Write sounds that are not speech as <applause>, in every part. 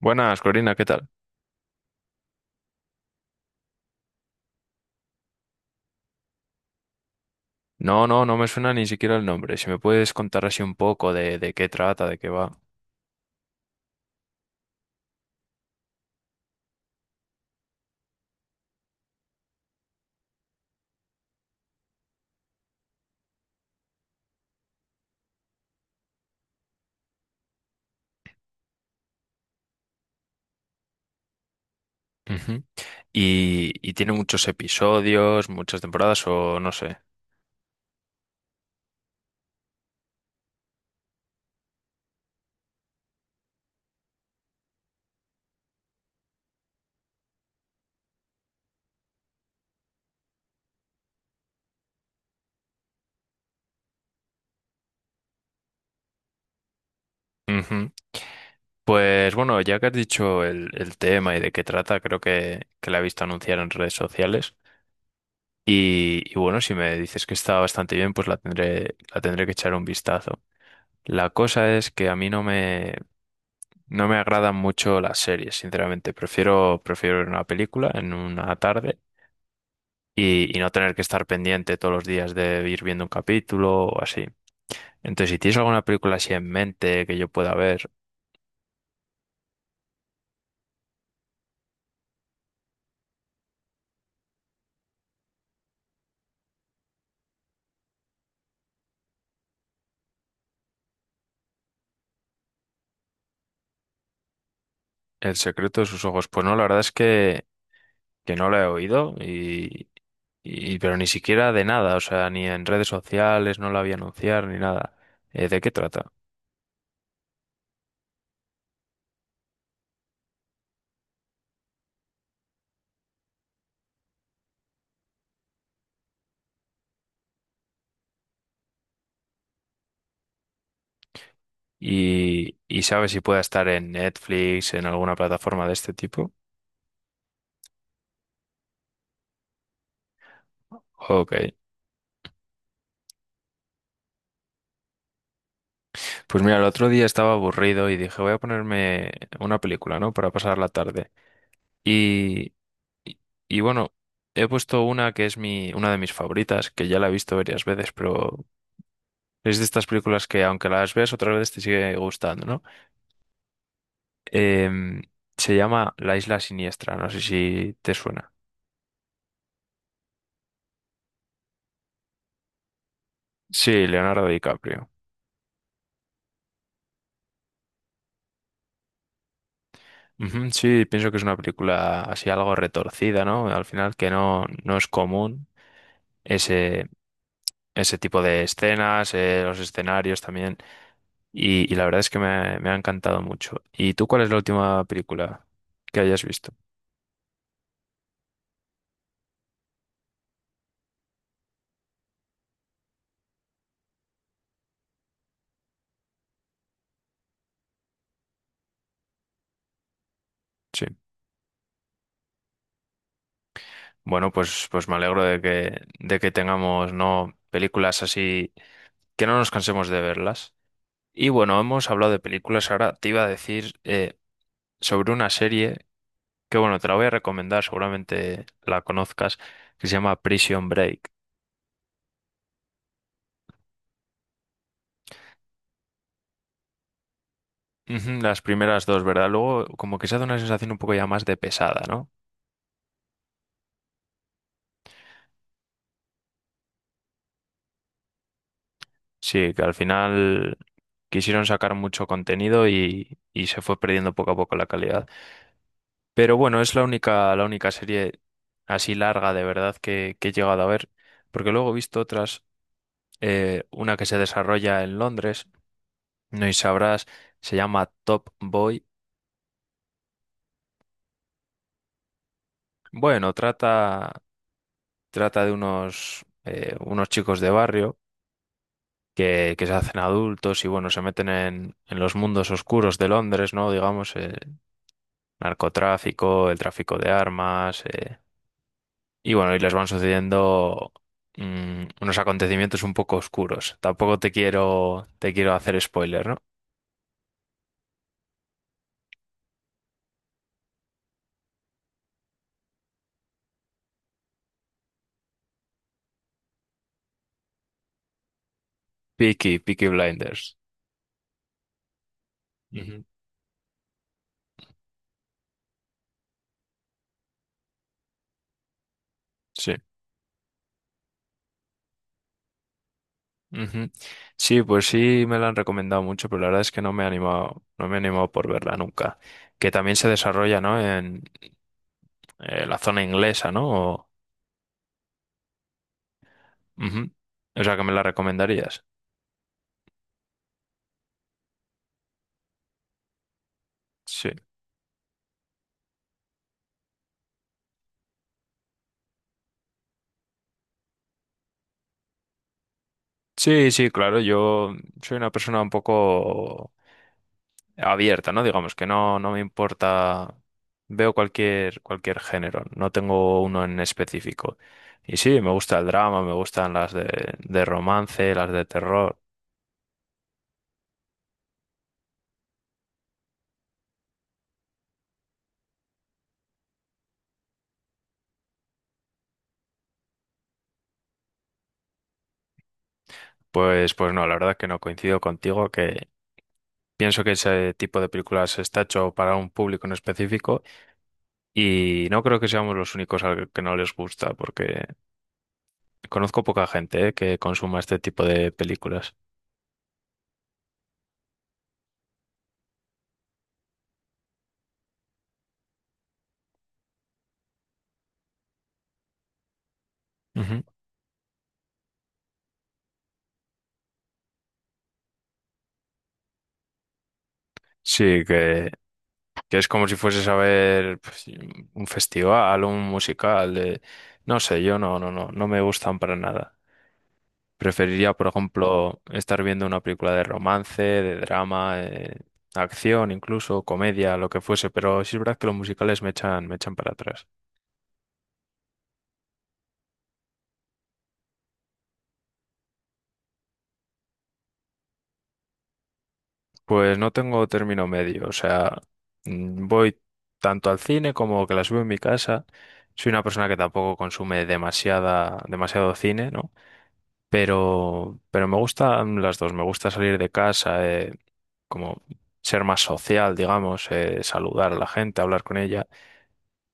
Buenas, Corina, ¿qué tal? No, no, no me suena ni siquiera el nombre. Si me puedes contar así un poco de qué trata, de qué va. Ujú. Y tiene muchos episodios, muchas temporadas o no sé. Ujú. Pues bueno, ya que has dicho el tema y de qué trata, creo que la he visto anunciar en redes sociales. Y bueno, si me dices que está bastante bien, pues la tendré que echar un vistazo. La cosa es que a mí no no me agradan mucho las series, sinceramente. Prefiero, prefiero ver una película en una tarde y no tener que estar pendiente todos los días de ir viendo un capítulo o así. Entonces, si tienes alguna película así en mente que yo pueda ver, El secreto de sus ojos, pues no, la verdad es que no la he oído pero ni siquiera de nada, o sea, ni en redes sociales no la vi anunciar ni nada. ¿De qué trata? Y, y sabes si pueda estar en Netflix, en alguna plataforma de este tipo. Ok. Pues mira, el otro día estaba aburrido y dije, voy a ponerme una película, ¿no? Para pasar la tarde. Y, y, y bueno, he puesto una que es mi, una de mis favoritas, que ya la he visto varias veces, pero es de estas películas que aunque las veas otra vez te sigue gustando, ¿no? Em, Se llama La Isla Siniestra, no sé si te suena. Sí, Leonardo DiCaprio. Ujú. Sí, pienso que es una película así algo retorcida, ¿no? Al final que no, no es común ese, ese tipo de escenas, los escenarios también. Y la verdad es que me ha encantado mucho. ¿Y tú cuál es la última película que hayas visto? Sí. Bueno, pues, pues me alegro de que tengamos, ¿no?, películas así que no nos cansemos de verlas. Y bueno, hemos hablado de películas. Ahora te iba a decir sobre una serie que bueno, te la voy a recomendar, seguramente la conozcas, que se llama Prison Break. Ujú. Las primeras dos, ¿verdad? Luego como que se hace una sensación un poco ya más de pesada, ¿no? Sí, que al final quisieron sacar mucho contenido y se fue perdiendo poco a poco la calidad. Pero bueno, es la única serie así larga de verdad que he llegado a ver, porque luego he visto otras, una que se desarrolla en Londres, no y sabrás, se llama Top Boy. Bueno, trata, trata de unos, unos chicos de barrio que se hacen adultos y bueno, se meten en los mundos oscuros de Londres, ¿no? Digamos, el narcotráfico, el tráfico de armas, y bueno, y les van sucediendo unos acontecimientos un poco oscuros. Tampoco te quiero, te quiero hacer spoiler, ¿no? Peaky Blinders. Ujú. Sí. Ujú. Sí, pues sí me la han recomendado mucho, pero la verdad es que no me he animado, no me he animado por verla nunca. Que también se desarrolla, ¿no?, en la zona inglesa, ¿no? O, ujú, o sea, que me la recomendarías. Sí. Sí, sí, claro, yo soy una persona un poco abierta, ¿no? Digamos que no, no me importa, veo cualquier, cualquier género, no tengo uno en específico. Y sí, me gusta el drama, me gustan las de romance, las de terror. Pues, pues no, la verdad que no coincido contigo, que pienso que ese tipo de películas está hecho para un público en específico. Y no creo que seamos los únicos al que no les gusta, porque conozco poca gente, que consuma este tipo de películas. Ujú. Sí, que es como si fueses a ver pues, un festival, un musical, de- no sé, yo no, no, no, no me gustan para nada. Preferiría, por ejemplo, estar viendo una película de romance, de drama, acción, incluso comedia, lo que fuese, pero sí es verdad que los musicales me echan para atrás. Pues no tengo término medio, o sea, voy tanto al cine como que la subo en mi casa. Soy una persona que tampoco consume demasiada, demasiado cine, ¿no? Pero me gustan las dos, me gusta salir de casa, como ser más social, digamos, saludar a la gente, hablar con ella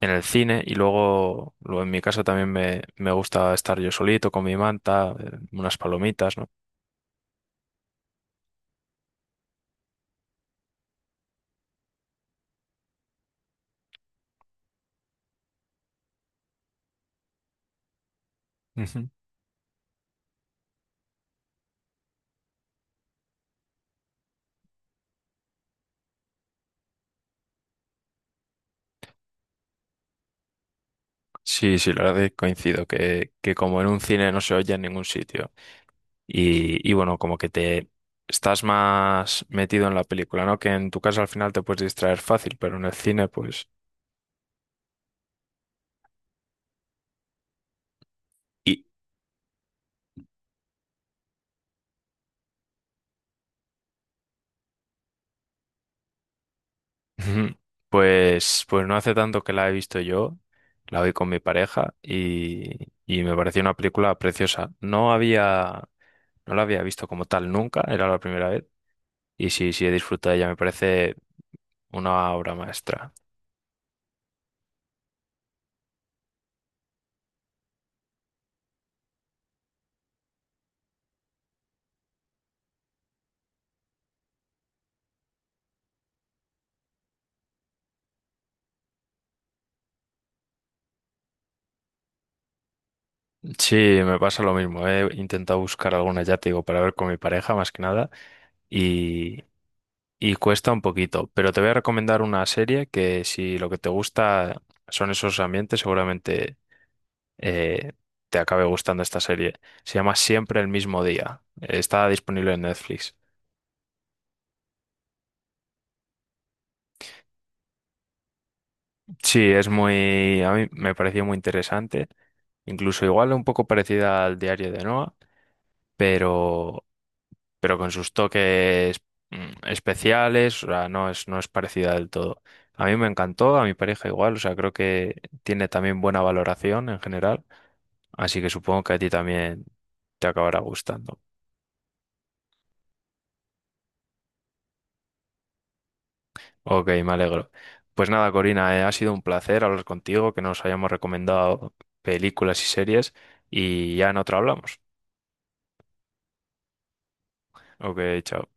en el cine y luego, luego en mi casa también me gusta estar yo solito con mi manta, unas palomitas, ¿no? <laughs> Sí, sí, la verdad es que coincido, que como en un cine no se oye en ningún sitio. Y bueno, como que te estás más metido en la película, ¿no? Que en tu casa al final te puedes distraer fácil, pero en el cine, pues. Y Ujú. Pues, pues no hace tanto que la he visto yo, la vi con mi pareja, y me pareció una película preciosa. No había, no la había visto como tal nunca, era la primera vez. Y sí, sí he disfrutado de ella, me parece una obra maestra. Sí, me pasa lo mismo. He intentado buscar alguna, ya te digo, para ver con mi pareja más que nada y, y cuesta un poquito. Pero te voy a recomendar una serie que si lo que te gusta son esos ambientes, seguramente eh, te acabe gustando esta serie. Se llama Siempre el mismo día. Está disponible en Netflix. Sí, es muy, a mí me pareció muy interesante. Incluso igual un poco parecida al diario de Noah, pero pero con sus toques especiales, o sea, no es, no es parecida del todo. A mí me encantó, a mi pareja igual, o sea, creo que tiene también buena valoración en general, así que supongo que a ti también te acabará gustando. Ok, me alegro. Pues nada, Corina, ha sido un placer hablar contigo, que nos hayamos recomendado películas y series y ya en otra hablamos. Ok, chao.